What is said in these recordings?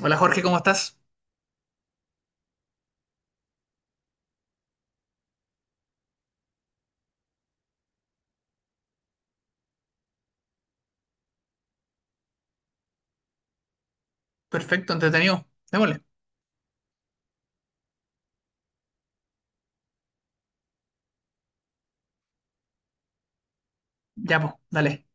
Hola Jorge, ¿cómo estás? Perfecto, entretenido. Démosle. Ya, pues, dale.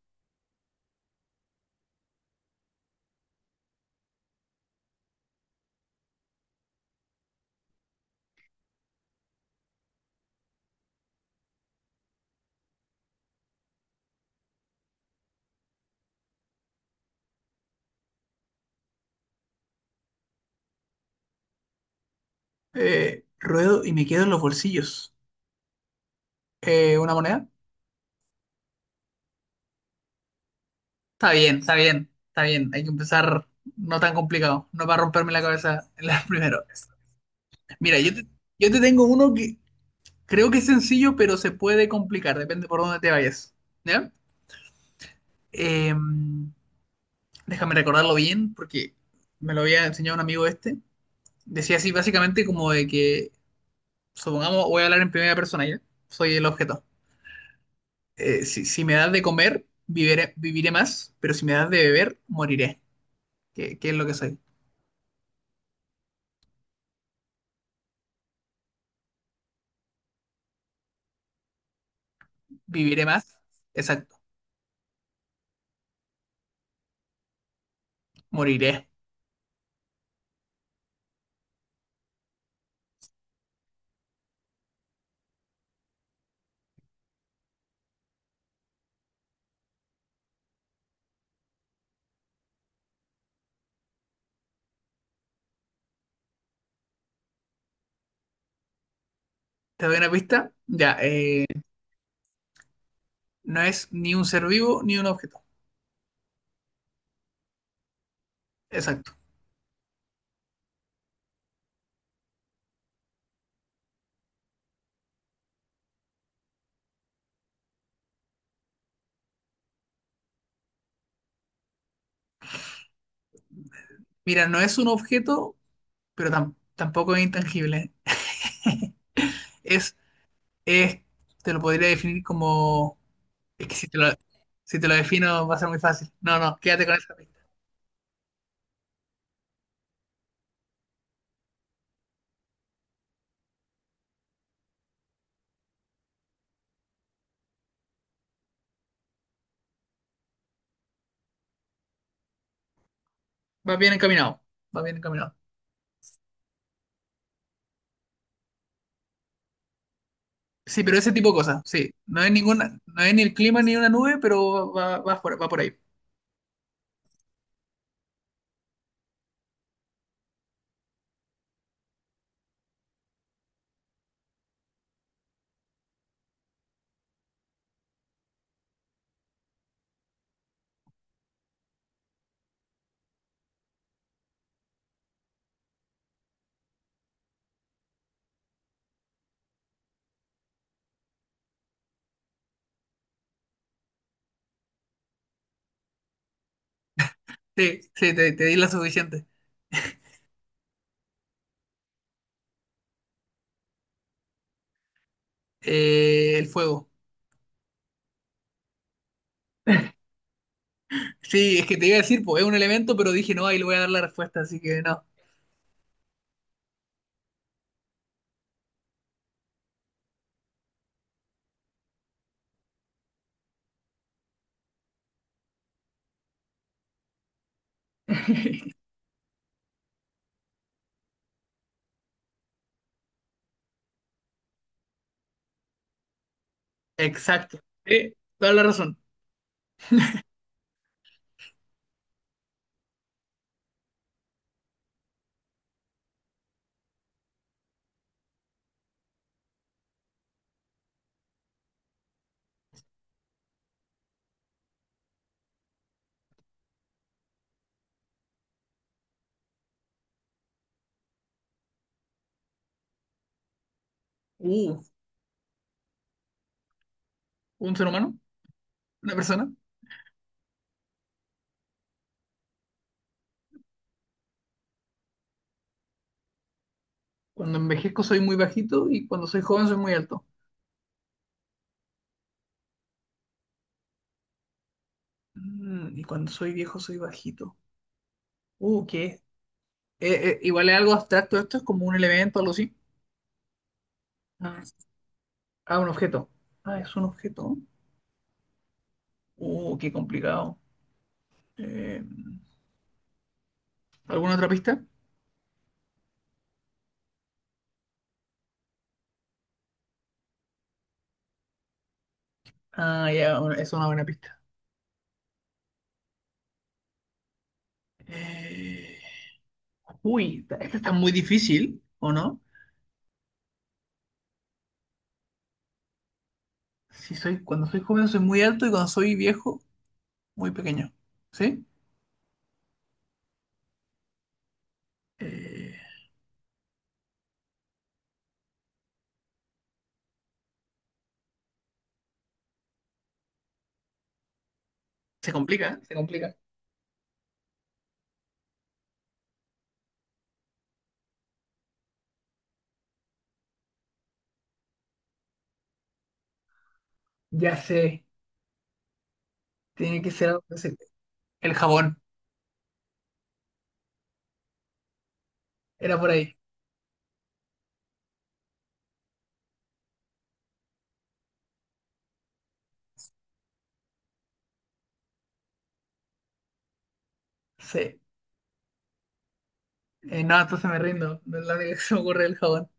Ruedo y me quedo en los bolsillos. ¿Una moneda? Está bien, está bien, está bien. Hay que empezar no tan complicado. No para romperme la cabeza en la primera vez. Mira, yo te tengo uno que creo que es sencillo, pero se puede complicar. Depende por dónde te vayas. ¿Ya? Eh, Déjame recordarlo bien, porque me lo había enseñado un amigo este. Decía así, básicamente, como de que, supongamos, voy a hablar en primera persona, ¿ya? Soy el objeto. Si me das de comer, viviré más, pero si me das de beber, moriré. ¿Qué es lo que soy? Viviré más, exacto, moriré. ¿Te doy una pista? Ya, no es ni un ser vivo ni un objeto, exacto. Mira, no es un objeto, pero tampoco es intangible. Es, es, Te lo podría definir como, es que si te lo defino va a ser muy fácil. No, no, quédate con esa pista. Va bien encaminado, va bien encaminado. Sí, pero ese tipo de cosas, sí. No hay ninguna, no hay ni el clima ni una nube, pero va por ahí. Sí, sí, te di la suficiente. El fuego. Sí, es que te iba a decir, pues es un elemento, pero dije, no, ahí le voy a dar la respuesta, así que no. Exacto. Sí, toda la razón. Uh, un ser humano, una persona. Cuando envejezco soy muy bajito y cuando soy joven soy muy alto. Y cuando soy viejo soy bajito. ¿Qué es? Igual es algo abstracto esto, es como un elemento, algo así. Ah, Ah, un objeto. Ah, es un objeto. Qué complicado. Eh, ¿Alguna otra pista? Ah, ya, bueno, es una buena pista. Eh, Uy, esta está muy difícil, ¿o no? Si soy, cuando soy joven soy muy alto y cuando soy viejo, muy pequeño. ¿Sí? Eh, Se complica, ¿eh? Se complica. Ya sé, tiene que ser algo que el jabón. Era por ahí. Sí. No, entonces me rindo. No es la única que se me ocurre el jabón.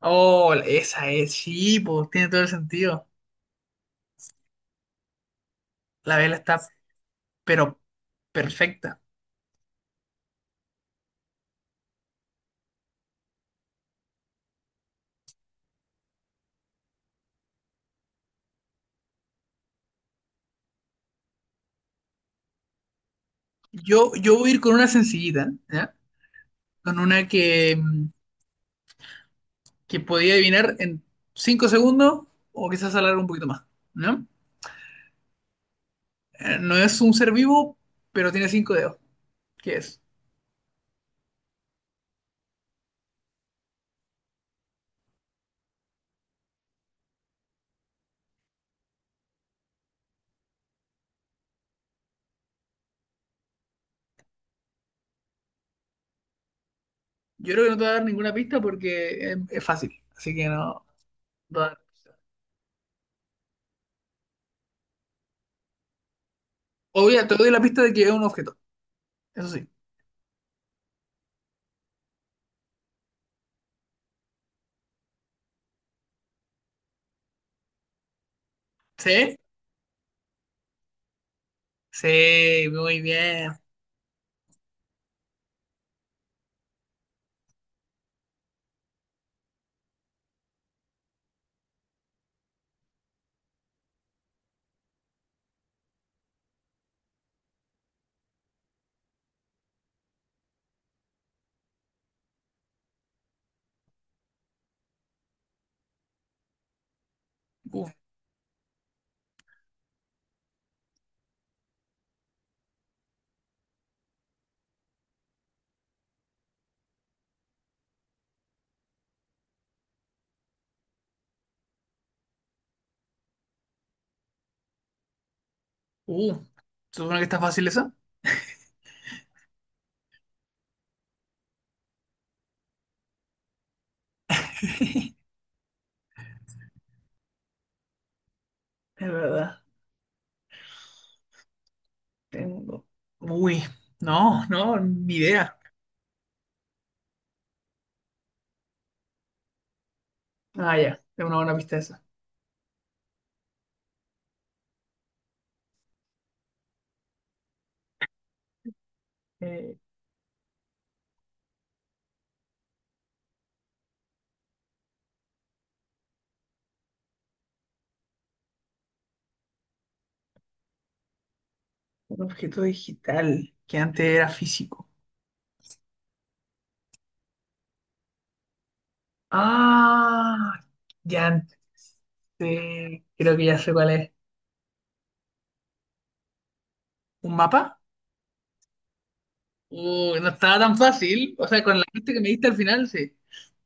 Oh, esa es, sí, pues tiene todo el sentido. La vela está, pero perfecta. Yo voy a ir con una sencillita, ¿ya? Con una que, que podía adivinar en 5 segundos o quizás alargar un poquito más, ¿no? No es un ser vivo, pero tiene 5 dedos. ¿Qué es? Yo creo que no te voy a dar ninguna pista porque es fácil, así que no, no te voy a dar pista. Obvio, te doy la pista de que es un objeto, eso sí. ¿Sí? Sí, muy bien. Uf, uh, ¿se ¿supone que está fácil esa Es verdad, tengo. Uy, no, no, ni idea. Ah, ya, es una buena pista esa. Eh, un objeto digital que antes era físico. Ah, ya antes. Creo que ya sé cuál es. ¿Un mapa? Uy, no estaba tan fácil. O sea, con la pista que me diste al final, sí.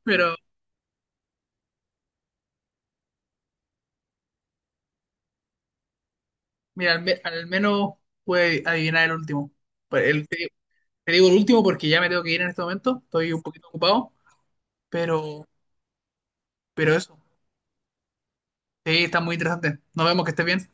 Pero, mira, al menos pude adivinar el último. Pues te digo el último porque ya me tengo que ir en este momento. Estoy un poquito ocupado. Pero, pero eso. Sí, está muy interesante. Nos vemos, que estés bien.